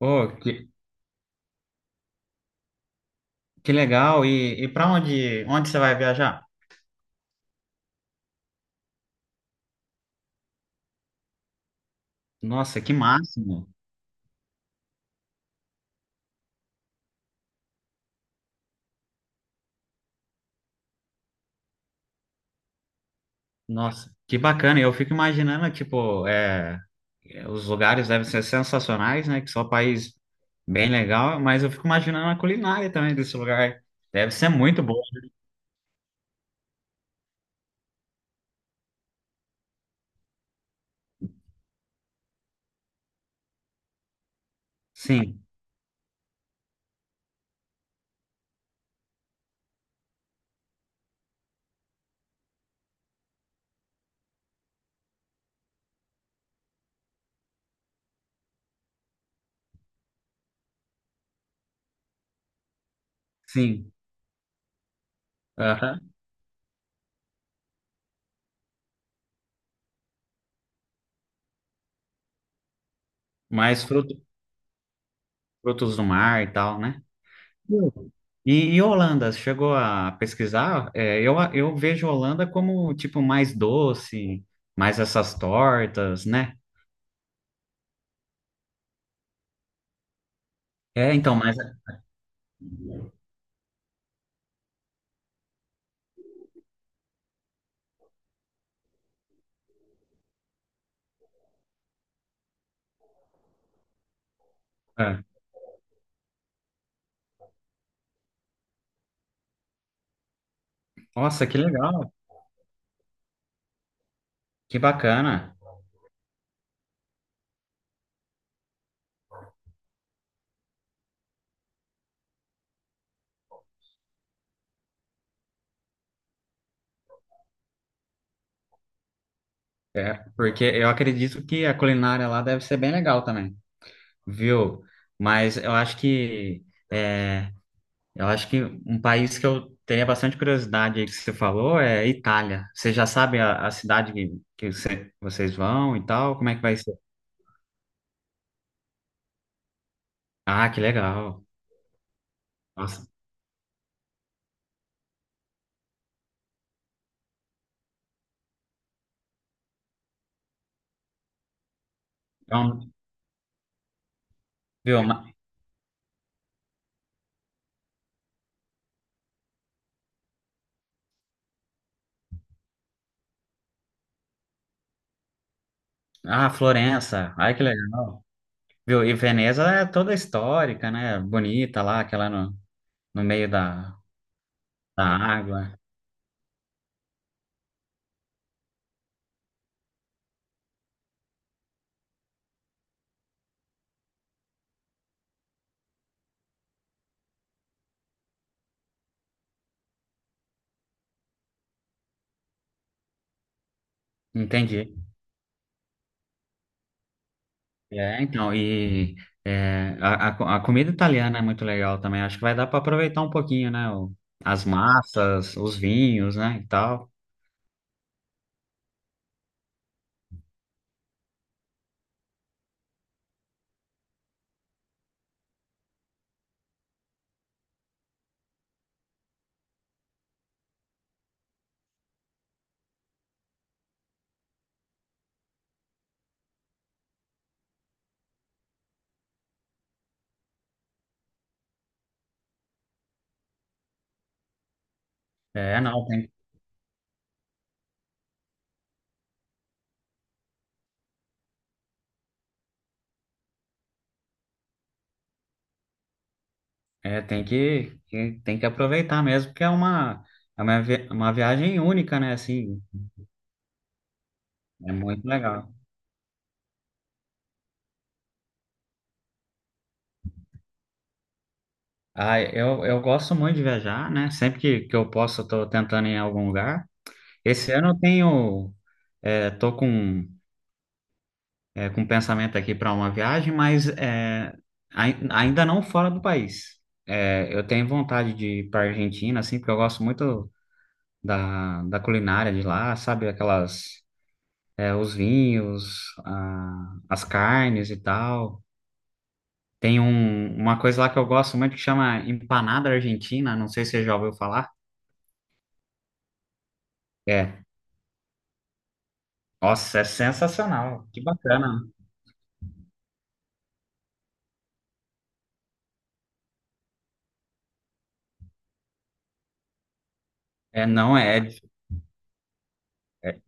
Oh, que legal. E para onde você vai viajar? Nossa, que máximo. Nossa, que bacana. Eu fico imaginando, tipo, os lugares devem ser sensacionais, né? Que só país bem legal, mas eu fico imaginando a culinária também desse lugar. Deve ser muito boa. Sim, sim. Aham. Mais frutos do mar e tal, né? Sim. E Holanda, você chegou a pesquisar? Eu vejo Holanda como, tipo, mais doce, mais essas tortas, né? É, então, mas é. Nossa, que legal, que bacana. É, porque eu acredito que a culinária lá deve ser bem legal também, viu? Mas eu acho que... é, eu acho que um país que eu teria bastante curiosidade aí que você falou é Itália. Você já sabe a cidade que vocês vão e tal? Como é que vai ser? Ah, que legal. Nossa, então, viu? Ah, Florença. Ai, que legal. Viu? E Veneza é toda histórica, né? Bonita lá, aquela no meio da água. Entendi. Então, a comida italiana é muito legal também. Acho que vai dar para aproveitar um pouquinho, né? As massas, os vinhos, né? E tal. É, não, tem, é, tem que- tem que aproveitar mesmo, porque é uma viagem única, né? Assim, é muito legal. Ah, eu gosto muito de viajar, né? Sempre que eu posso, eu tô tentando ir em algum lugar. Esse ano tô com um pensamento aqui para uma viagem, mas ainda não fora do país. Eu tenho vontade de ir para Argentina, assim, porque eu gosto muito da culinária de lá, sabe? Aquelas, os vinhos, as carnes e tal. Tem uma coisa lá que eu gosto muito que chama empanada argentina, não sei se você já ouviu falar. É. Nossa, é sensacional, que bacana. É, não é, é,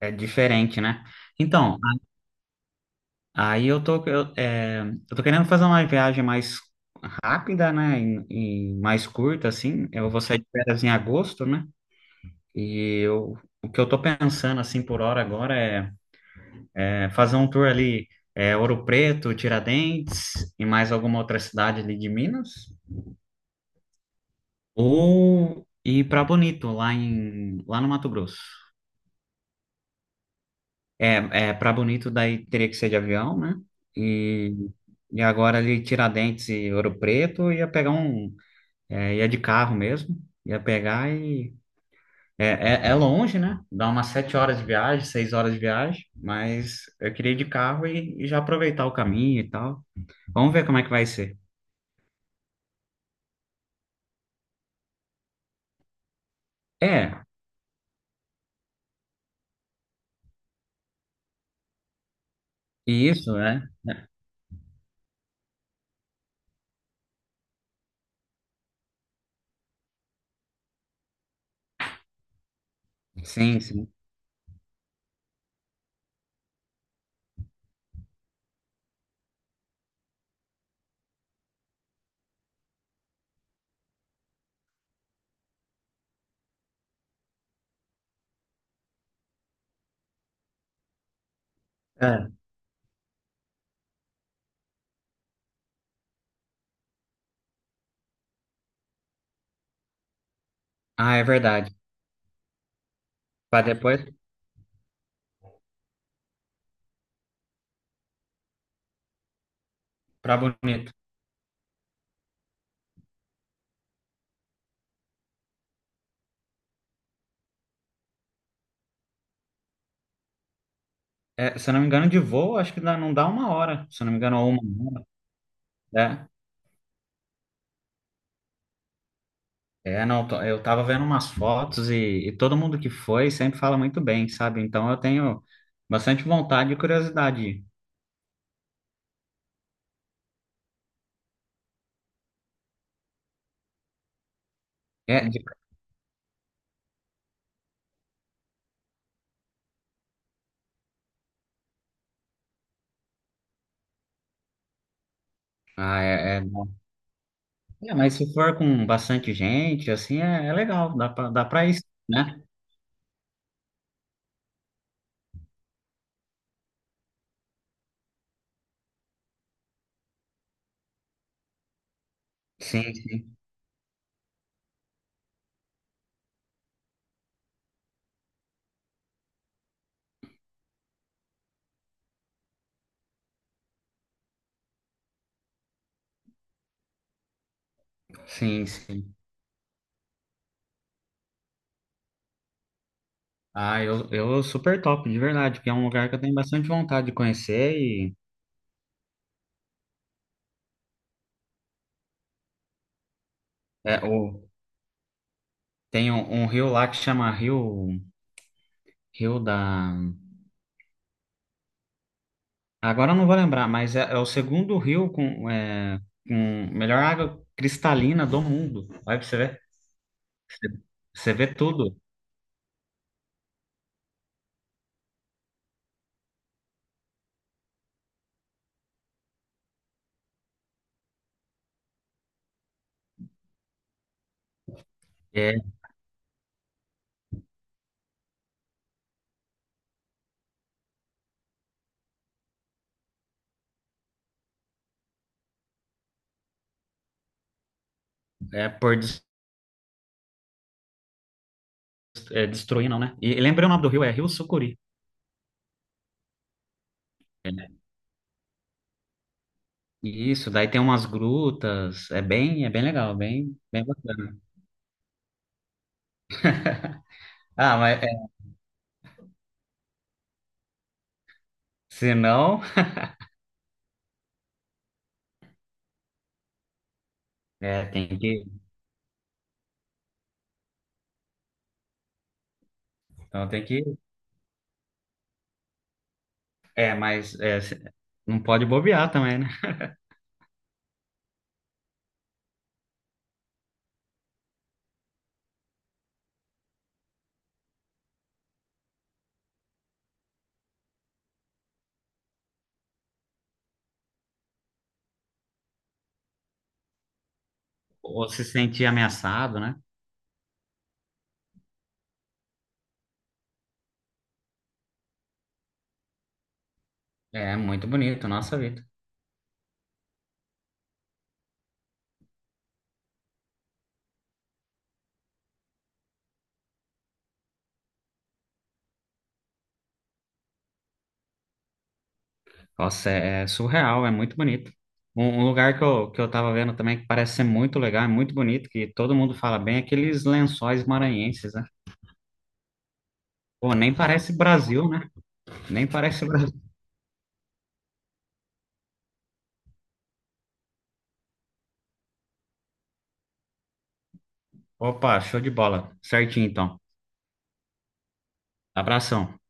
é diferente, né? Então, aí eu tô querendo fazer uma viagem mais rápida, né? E mais curta, assim. Eu vou sair de férias em agosto, né? E eu, o que eu tô pensando, assim, por hora agora é fazer um tour ali, Ouro Preto, Tiradentes e mais alguma outra cidade ali de Minas. Ou ir pra Bonito, lá no Mato Grosso. É, para Bonito daí teria que ser de avião, né? E, e agora ali Tiradentes e Ouro Preto ia de carro mesmo, ia pegar e é, é, é longe, né? Dá umas 7 horas de viagem, 6 horas de viagem, mas eu queria ir de carro e já aproveitar o caminho e tal. Vamos ver como é que vai ser. É, e isso, né? Sim, sim. É. Ah, é verdade. Para depois, para Bonito. É, se eu não me engano, de voo, acho que não dá 1 hora, se eu não me engano, ou 1 hora. É. É, não, eu tava vendo umas fotos e todo mundo que foi sempre fala muito bem, sabe? Então eu tenho bastante vontade e curiosidade. É, de- ah, é, é- mas se for com bastante gente, assim, é legal, dá pra ir, né? Sim, sim, sim, sim. Ah, eu super top, de verdade, porque é um lugar que eu tenho bastante vontade de conhecer e é, o, tem um rio lá que chama Rio da. Agora eu não vou lembrar, mas é o segundo rio com melhor água cristalina do mundo. Olha pra você ver. Você, você vê tudo. É, é, por destruir, não, né? E, lembrei o nome do rio, é Rio Sucuri. É, e isso, daí tem umas grutas. É bem legal, bem, bem bacana. Ah, mas se não, tem que. Então tem que. É, mas não pode bobear também, né? Ou se sentir ameaçado, né? É muito bonito, nossa vida. Nossa, é surreal, é muito bonito. Um lugar que eu tava vendo também que parece ser muito legal, é muito bonito, que todo mundo fala bem, é aqueles Lençóis Maranhenses, né? Pô, nem parece Brasil, né? Nem parece Brasil. Opa, show de bola. Certinho, então. Abração.